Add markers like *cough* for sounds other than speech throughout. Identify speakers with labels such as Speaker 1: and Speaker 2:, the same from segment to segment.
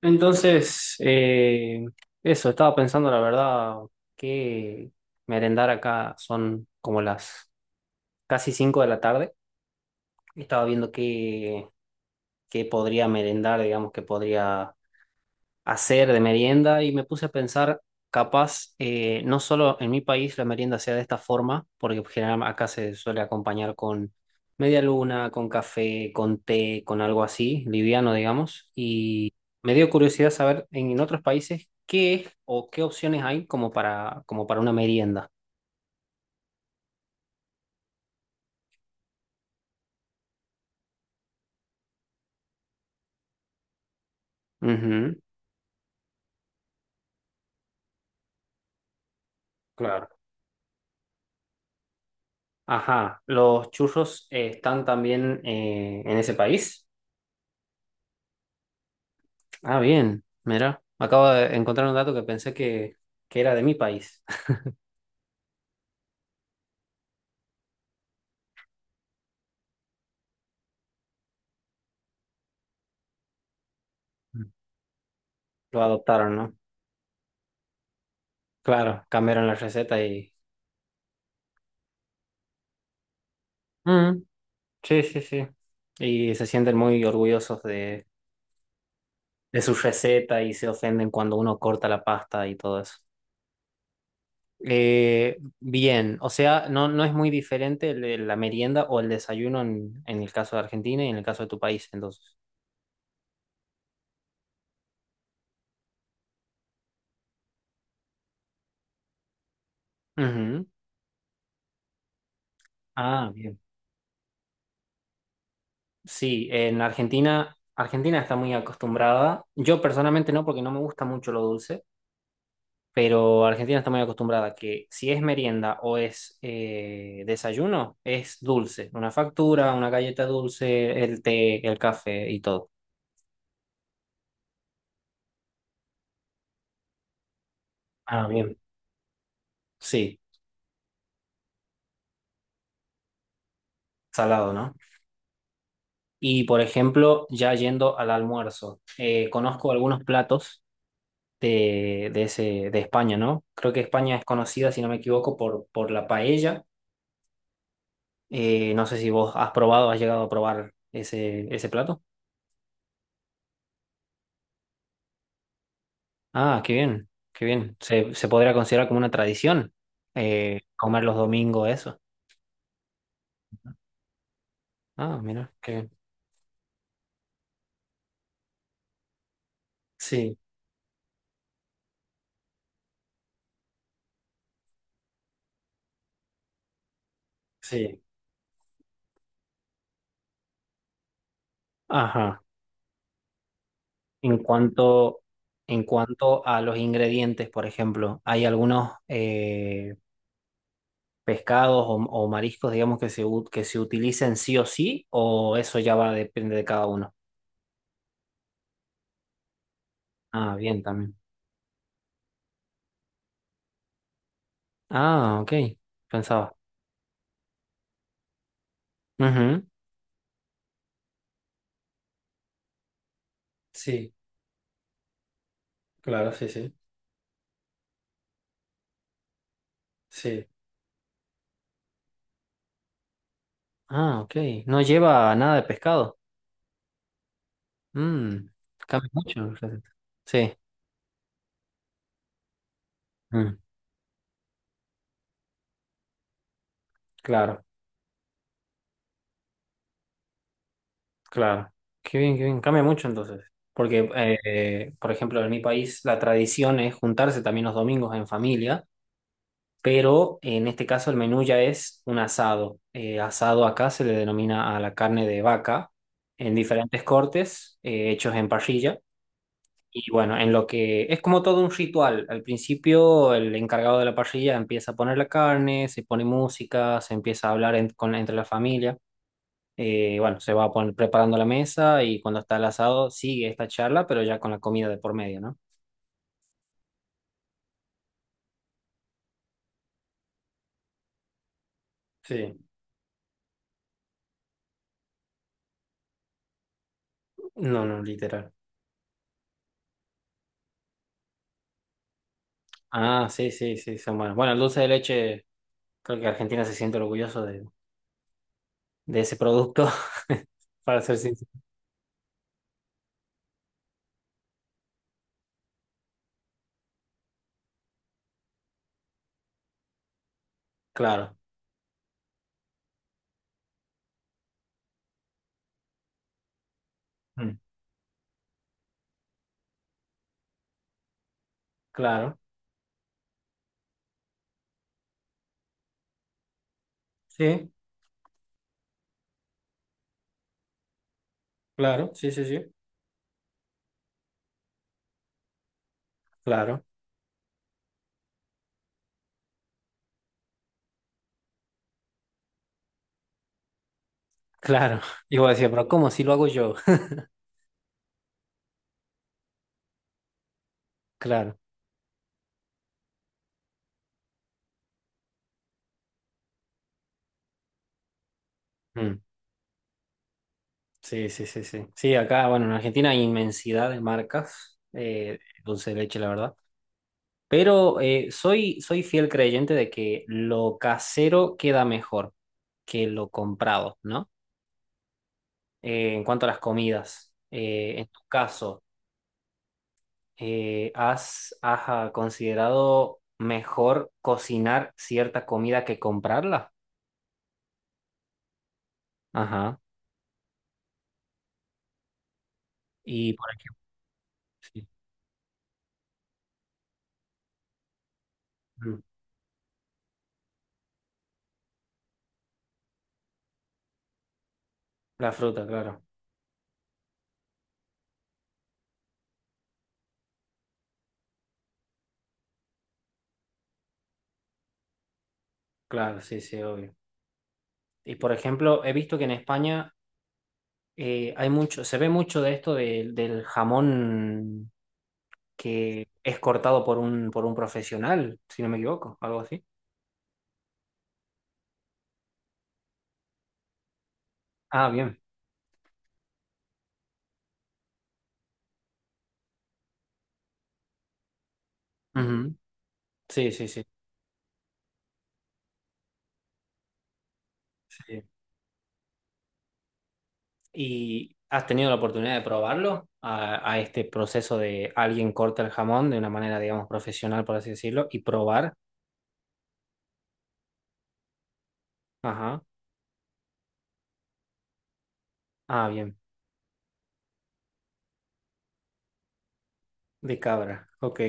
Speaker 1: Entonces, eso, estaba pensando la verdad que merendar acá son como las casi 5 de la tarde. Estaba viendo qué podría merendar, digamos, que podría hacer de merienda y me puse a pensar, capaz, no solo en mi país la merienda sea de esta forma, porque pues, generalmente acá se suele acompañar con media luna, con café, con té, con algo así, liviano, digamos, y me dio curiosidad saber en otros países qué es o qué opciones hay como como para una merienda. Ujú, claro. Ajá, ¿los churros están también en ese país? Ah, bien, mira, acabo de encontrar un dato que que era de mi país. *laughs* Lo adoptaron, ¿no? Claro, cambiaron la receta y... Mm, sí, sí, sí. Y se sienten muy orgullosos de su receta y se ofenden cuando uno corta la pasta y todo eso. Bien, o sea, no, no es muy diferente la merienda o el desayuno en el caso de Argentina y en el caso de tu país, entonces. Ujú. Ah, bien. Sí, en Argentina, Argentina está muy acostumbrada. Yo personalmente no, porque no me gusta mucho lo dulce, pero Argentina está muy acostumbrada que si es merienda o es desayuno, es dulce. Una factura, una galleta dulce, el té, el café y todo. Ah, bien. Sí, salado, ¿no? Y por ejemplo, ya yendo al almuerzo, conozco algunos platos de, de ese, de España, ¿no? Creo que España es conocida, si no me equivoco, por la paella. No sé si vos has probado, has llegado a probar ese plato. Ah, qué bien, qué bien. Se podría considerar como una tradición comer los domingos eso. Ah, mira, qué bien. Sí, sí. Ajá. En cuanto, en cuanto a los ingredientes, por ejemplo, hay algunos pescados o mariscos, digamos, que se utilicen sí o sí, o eso ya va, depende de cada uno. Ah, bien, también. Ah, ok. Pensaba. Ujú. Sí. Claro, sí, sí. Sí. Ah, ok. No lleva nada de pescado. Mm, cambia mucho la receta. Sí. Mm, claro, claro. Qué bien, qué bien. Cambia mucho entonces. Porque, por ejemplo, en mi país la tradición es juntarse también los domingos en familia, pero en este caso el menú ya es un asado. Asado acá se le denomina a la carne de vaca en diferentes cortes, hechos en parrilla. Y bueno, en lo que es como todo un ritual. Al principio, el encargado de la parrilla empieza a poner la carne, se pone música, se empieza a hablar entre la familia. Bueno, se va a poner, preparando la mesa y cuando está el asado sigue esta charla, pero ya con la comida de por medio, ¿no? Sí. No, no, literal. Ah, sí, sí, sí, son buenos. Bueno, el dulce de leche, creo que Argentina se siente orgulloso de ese producto, *laughs* para ser sincero. Claro, Mm. claro, sí, claro, sí, sí, sí, claro. Claro. *laughs* Y vos decías, pero ¿cómo si lo hago yo? *laughs* Claro. Mm. Sí, sí, sí, sí. Sí, acá, bueno, en Argentina hay inmensidad de marcas, dulce de leche, la verdad. Pero soy fiel creyente de que lo casero queda mejor que lo comprado, ¿no? En cuanto a las comidas, en tu caso, has ¿considerado mejor cocinar cierta comida que comprarla? Ajá. Y por aquí, sí. Mm. La fruta, claro. Claro, sí, sí, obvio. Y por ejemplo, he visto que en España hay mucho, se ve mucho de esto del jamón que es cortado por por un profesional, si no me equivoco, algo así. Ah, bien. Ujú. Sí, sí, sí, sí. ¿Y has tenido la oportunidad de probarlo a este proceso de alguien corta el jamón de una manera, digamos, profesional, por así decirlo, y probar? Ajá. Ah, bien. De cabra. Ok.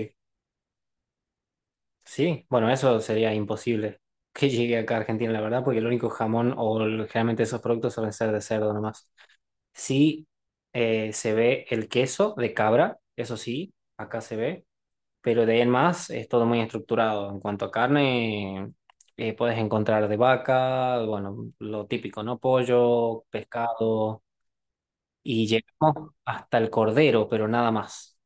Speaker 1: Sí, bueno, eso sería imposible que llegue acá a Argentina, la verdad, porque el único jamón generalmente esos productos suelen ser de cerdo nomás. Sí, se ve el queso de cabra, eso sí, acá se ve, pero de ahí en más es todo muy estructurado. En cuanto a carne, puedes encontrar de vaca, bueno, lo típico, ¿no? Pollo, pescado, y llegamos hasta el cordero, pero nada más.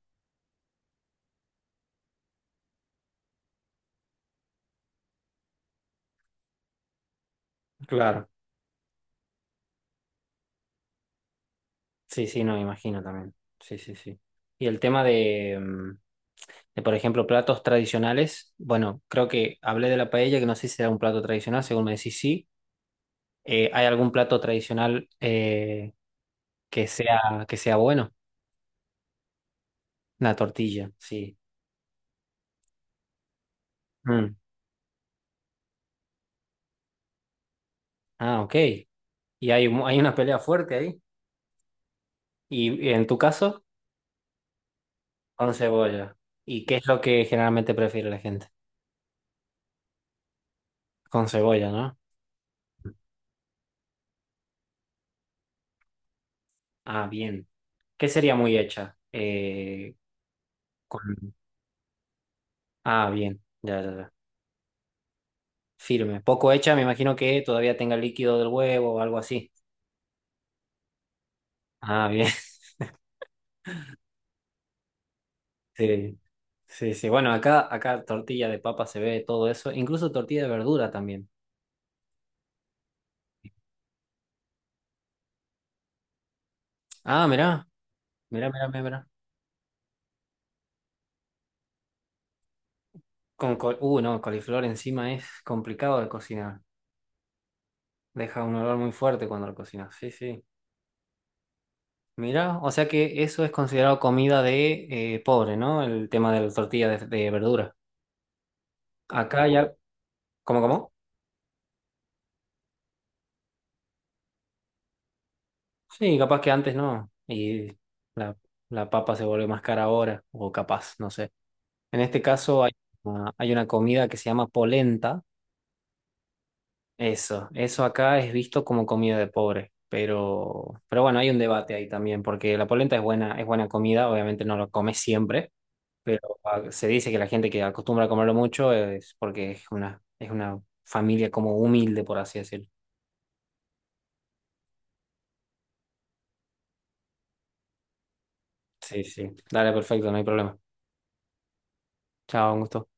Speaker 1: Claro. Sí, sí, no me imagino también. Sí, sí, sí. Y el tema de... mm, de, por ejemplo, platos tradicionales. Bueno, creo que hablé de la paella, que no sé si era un plato tradicional, según me decís sí. ¿Hay algún plato tradicional que sea bueno? Una tortilla, sí. Mm. Ah, ok. Y hay, hay una pelea fuerte ahí. Y en tu caso, con cebolla. ¿Y qué es lo que generalmente prefiere la gente? Con cebolla, ¿no? Ah, bien. ¿Qué sería muy hecha? Con... Ah, bien. Ya, ya, ya. Firme. Poco hecha, me imagino que todavía tenga líquido del huevo o algo así. Ah, bien. *laughs* Sí, sí, sí. Bueno, acá, acá tortilla de papa se ve todo eso. Incluso tortilla de verdura también. Ah, mirá, mirá, mirá, mirá, mirá. No, coliflor encima es complicado de cocinar. Deja un olor muy fuerte cuando lo cocinas. Sí, sí. Mirá, o sea que eso es considerado comida de pobre, ¿no? El tema de la tortilla de verdura. Acá ya, ¿cómo, cómo? Sí, capaz que antes no. Y la, la papa se vuelve más cara ahora, o capaz, no sé. En este caso hay hay una comida que se llama polenta. Eso acá es visto como comida de pobre. Pero bueno, hay un debate ahí también, porque la polenta es buena comida, obviamente no lo comes siempre, pero se dice que la gente que acostumbra a comerlo mucho es porque es una familia como humilde, por así decirlo. Sí, sí. Dale, perfecto, no hay problema. Chao, un gusto.